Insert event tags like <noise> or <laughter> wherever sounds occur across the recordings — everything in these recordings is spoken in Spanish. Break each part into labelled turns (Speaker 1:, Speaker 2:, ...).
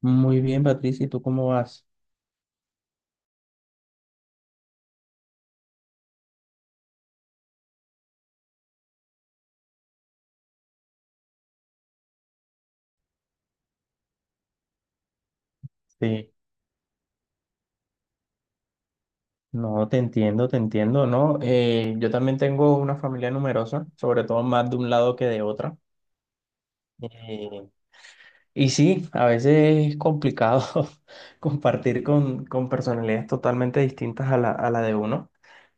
Speaker 1: Muy bien, Patricia, ¿y tú cómo vas? Sí, no, te entiendo, ¿no? Yo también tengo una familia numerosa, sobre todo más de un lado que de otra. Eh, y sí, a veces es complicado <laughs> compartir con personalidades totalmente distintas a a la de uno,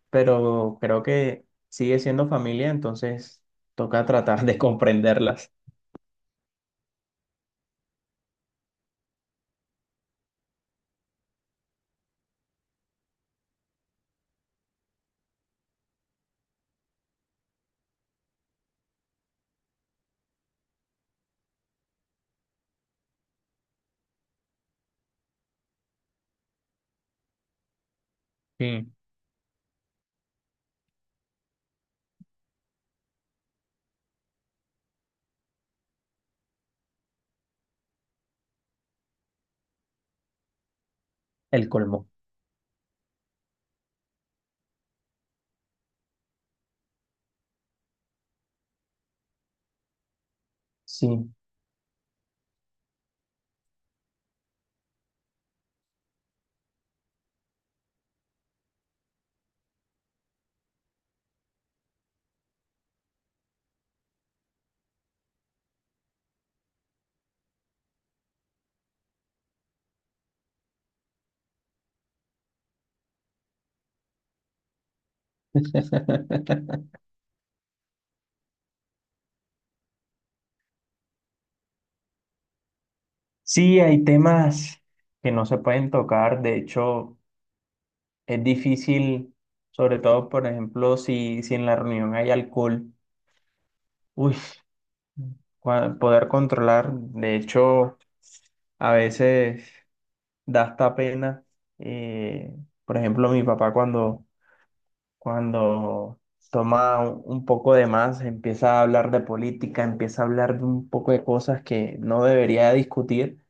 Speaker 1: pero creo que sigue siendo familia, entonces toca tratar de comprenderlas. Sí. El colmo. Sí. <laughs> Sí, hay temas que no se pueden tocar, de hecho. Es difícil, sobre todo, por ejemplo, si en la reunión hay alcohol, uy, poder controlar. De hecho, a veces da hasta pena. eh, por ejemplo, mi papá cuando toma un poco de más, empieza a hablar de política, empieza a hablar de un poco de cosas que no debería discutir,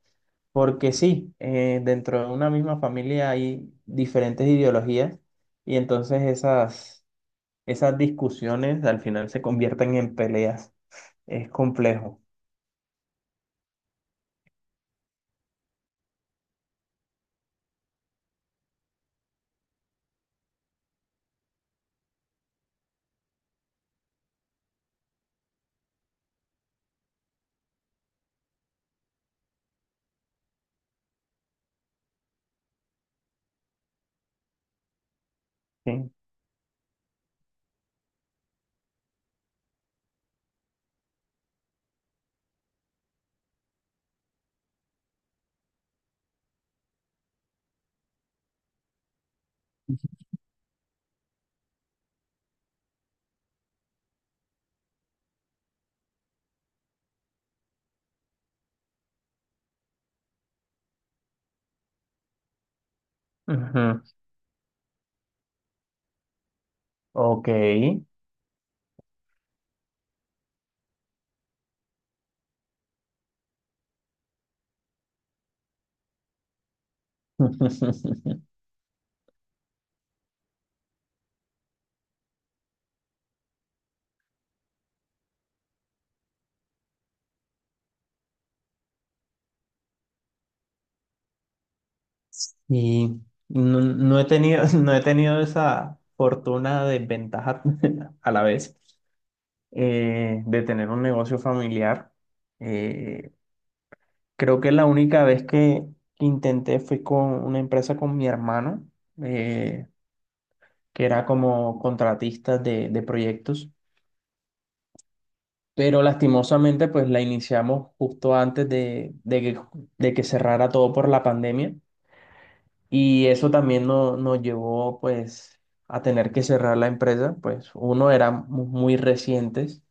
Speaker 1: porque sí, dentro de una misma familia hay diferentes ideologías y entonces esas discusiones al final se convierten en peleas. Es complejo, ¿sí? Ujú. Ok. <laughs> Y no he tenido, <laughs> no he tenido esa fortuna de ventaja <laughs> a la vez de tener un negocio familiar. Eh, Creo que la única vez que intenté fue con una empresa con mi hermano, eh, que era como contratista de proyectos. Pero lastimosamente pues la iniciamos justo antes de que de que cerrara todo por la pandemia y eso también nos llevó pues a tener que cerrar la empresa, pues uno éramos muy recientes,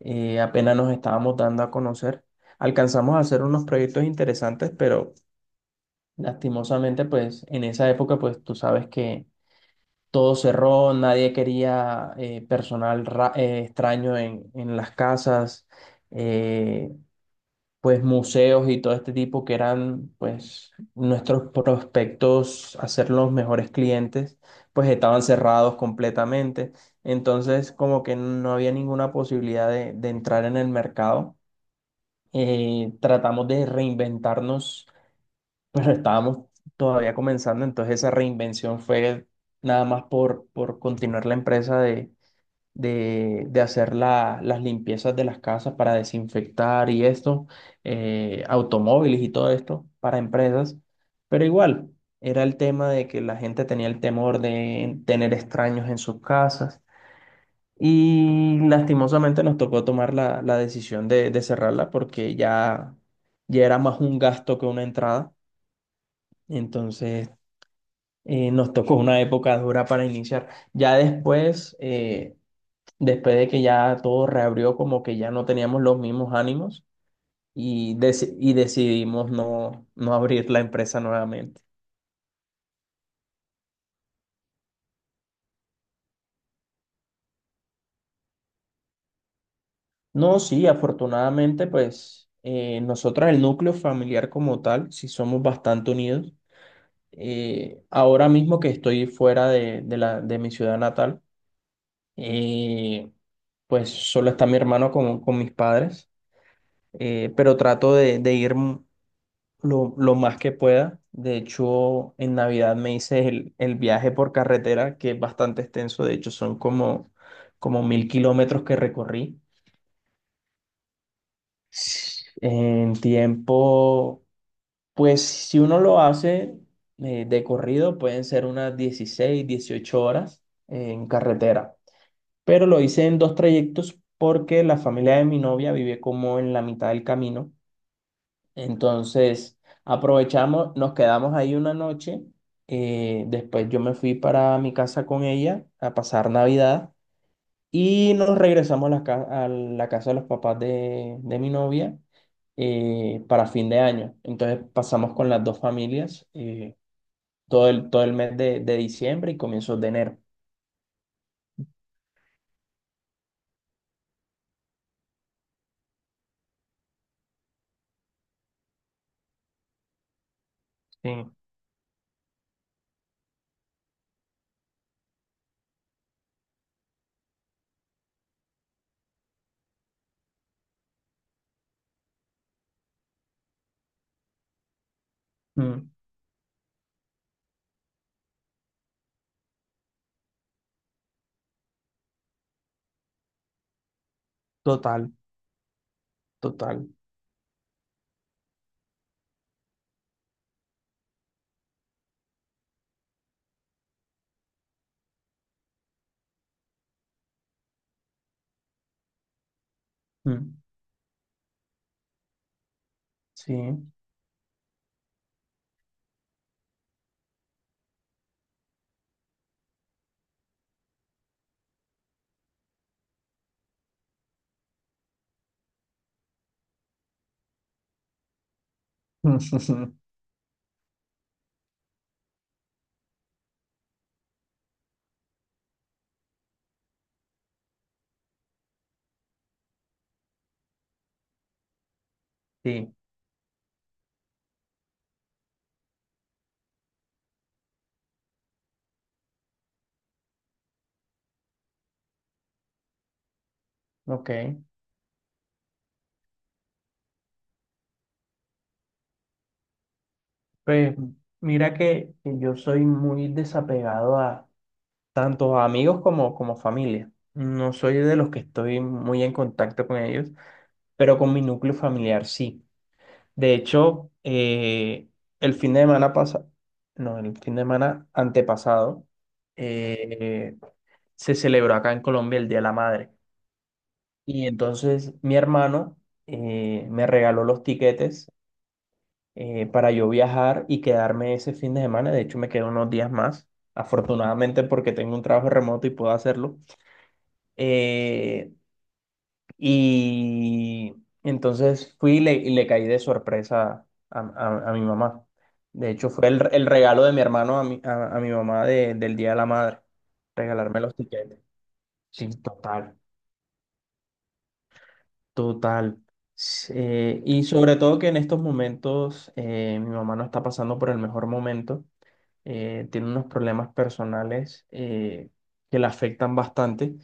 Speaker 1: apenas nos estábamos dando a conocer, alcanzamos a hacer unos proyectos interesantes, pero lastimosamente pues en esa época pues tú sabes que... Todo cerró, nadie quería extraño en las casas. Eh, pues museos y todo este tipo que eran pues nuestros prospectos a ser los mejores clientes, pues estaban cerrados completamente. Entonces como que no había ninguna posibilidad de entrar en el mercado. Tratamos de reinventarnos, <laughs> pero estábamos todavía comenzando, entonces esa reinvención fue nada más por continuar la empresa de hacer las limpiezas de las casas para desinfectar y esto, automóviles y todo esto para empresas, pero igual era el tema de que la gente tenía el temor de tener extraños en sus casas y lastimosamente nos tocó tomar la decisión de cerrarla porque ya, ya era más un gasto que una entrada, entonces... Nos tocó una época dura para iniciar. Ya después, después de que ya todo reabrió, como que ya no teníamos los mismos ánimos y, decidimos no abrir la empresa nuevamente. No, Sí, afortunadamente, pues nosotras, el núcleo familiar como tal, sí somos bastante unidos. Ahora mismo que estoy fuera de de mi ciudad natal, eh, pues solo está mi hermano con mis padres, pero trato de ir. Lo lo, más que pueda. De hecho, en Navidad me hice el viaje por carretera, que es bastante extenso. De hecho, son como, como 1000 km que recorrí. En tiempo, pues si uno lo hace de corrido, pueden ser unas 16, 18 horas en carretera. Pero lo hice en dos trayectos porque la familia de mi novia vive como en la mitad del camino. Entonces, aprovechamos, nos quedamos ahí una noche. Después yo me fui para mi casa con ella a pasar Navidad y nos regresamos a la casa de los papás de mi novia para fin de año. Entonces pasamos con las dos familias todo todo el mes de diciembre y comienzos de enero. Sí. Mm. Total, total. Mm. Sí. <laughs> Sí, ok. Pues mira que yo soy muy desapegado a tanto a amigos como familia. No soy de los que estoy muy en contacto con ellos, pero con mi núcleo familiar sí. De hecho, el fin de semana pasado, no, el fin de semana antepasado, eh, se celebró acá en Colombia el Día de la Madre. Y entonces mi hermano me regaló los tiquetes para yo viajar y quedarme ese fin de semana. De hecho, me quedo unos días más, afortunadamente porque tengo un trabajo remoto y puedo hacerlo. Eh, y entonces fui y le caí de sorpresa a, a mi mamá. De hecho, fue el regalo de mi hermano a a mi mamá del Día de la Madre, regalarme los tiquetes. Sí, total. Total. Y sobre todo que en estos momentos mi mamá no está pasando por el mejor momento. Tiene unos problemas personales que la afectan bastante.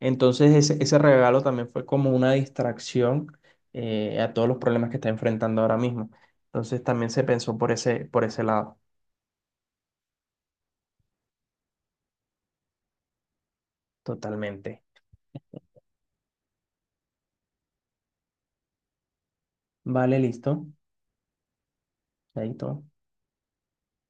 Speaker 1: Entonces ese regalo también fue como una distracción a todos los problemas que está enfrentando ahora mismo. Entonces también se pensó por por ese lado, totalmente. Vale, listo. Ahí todo.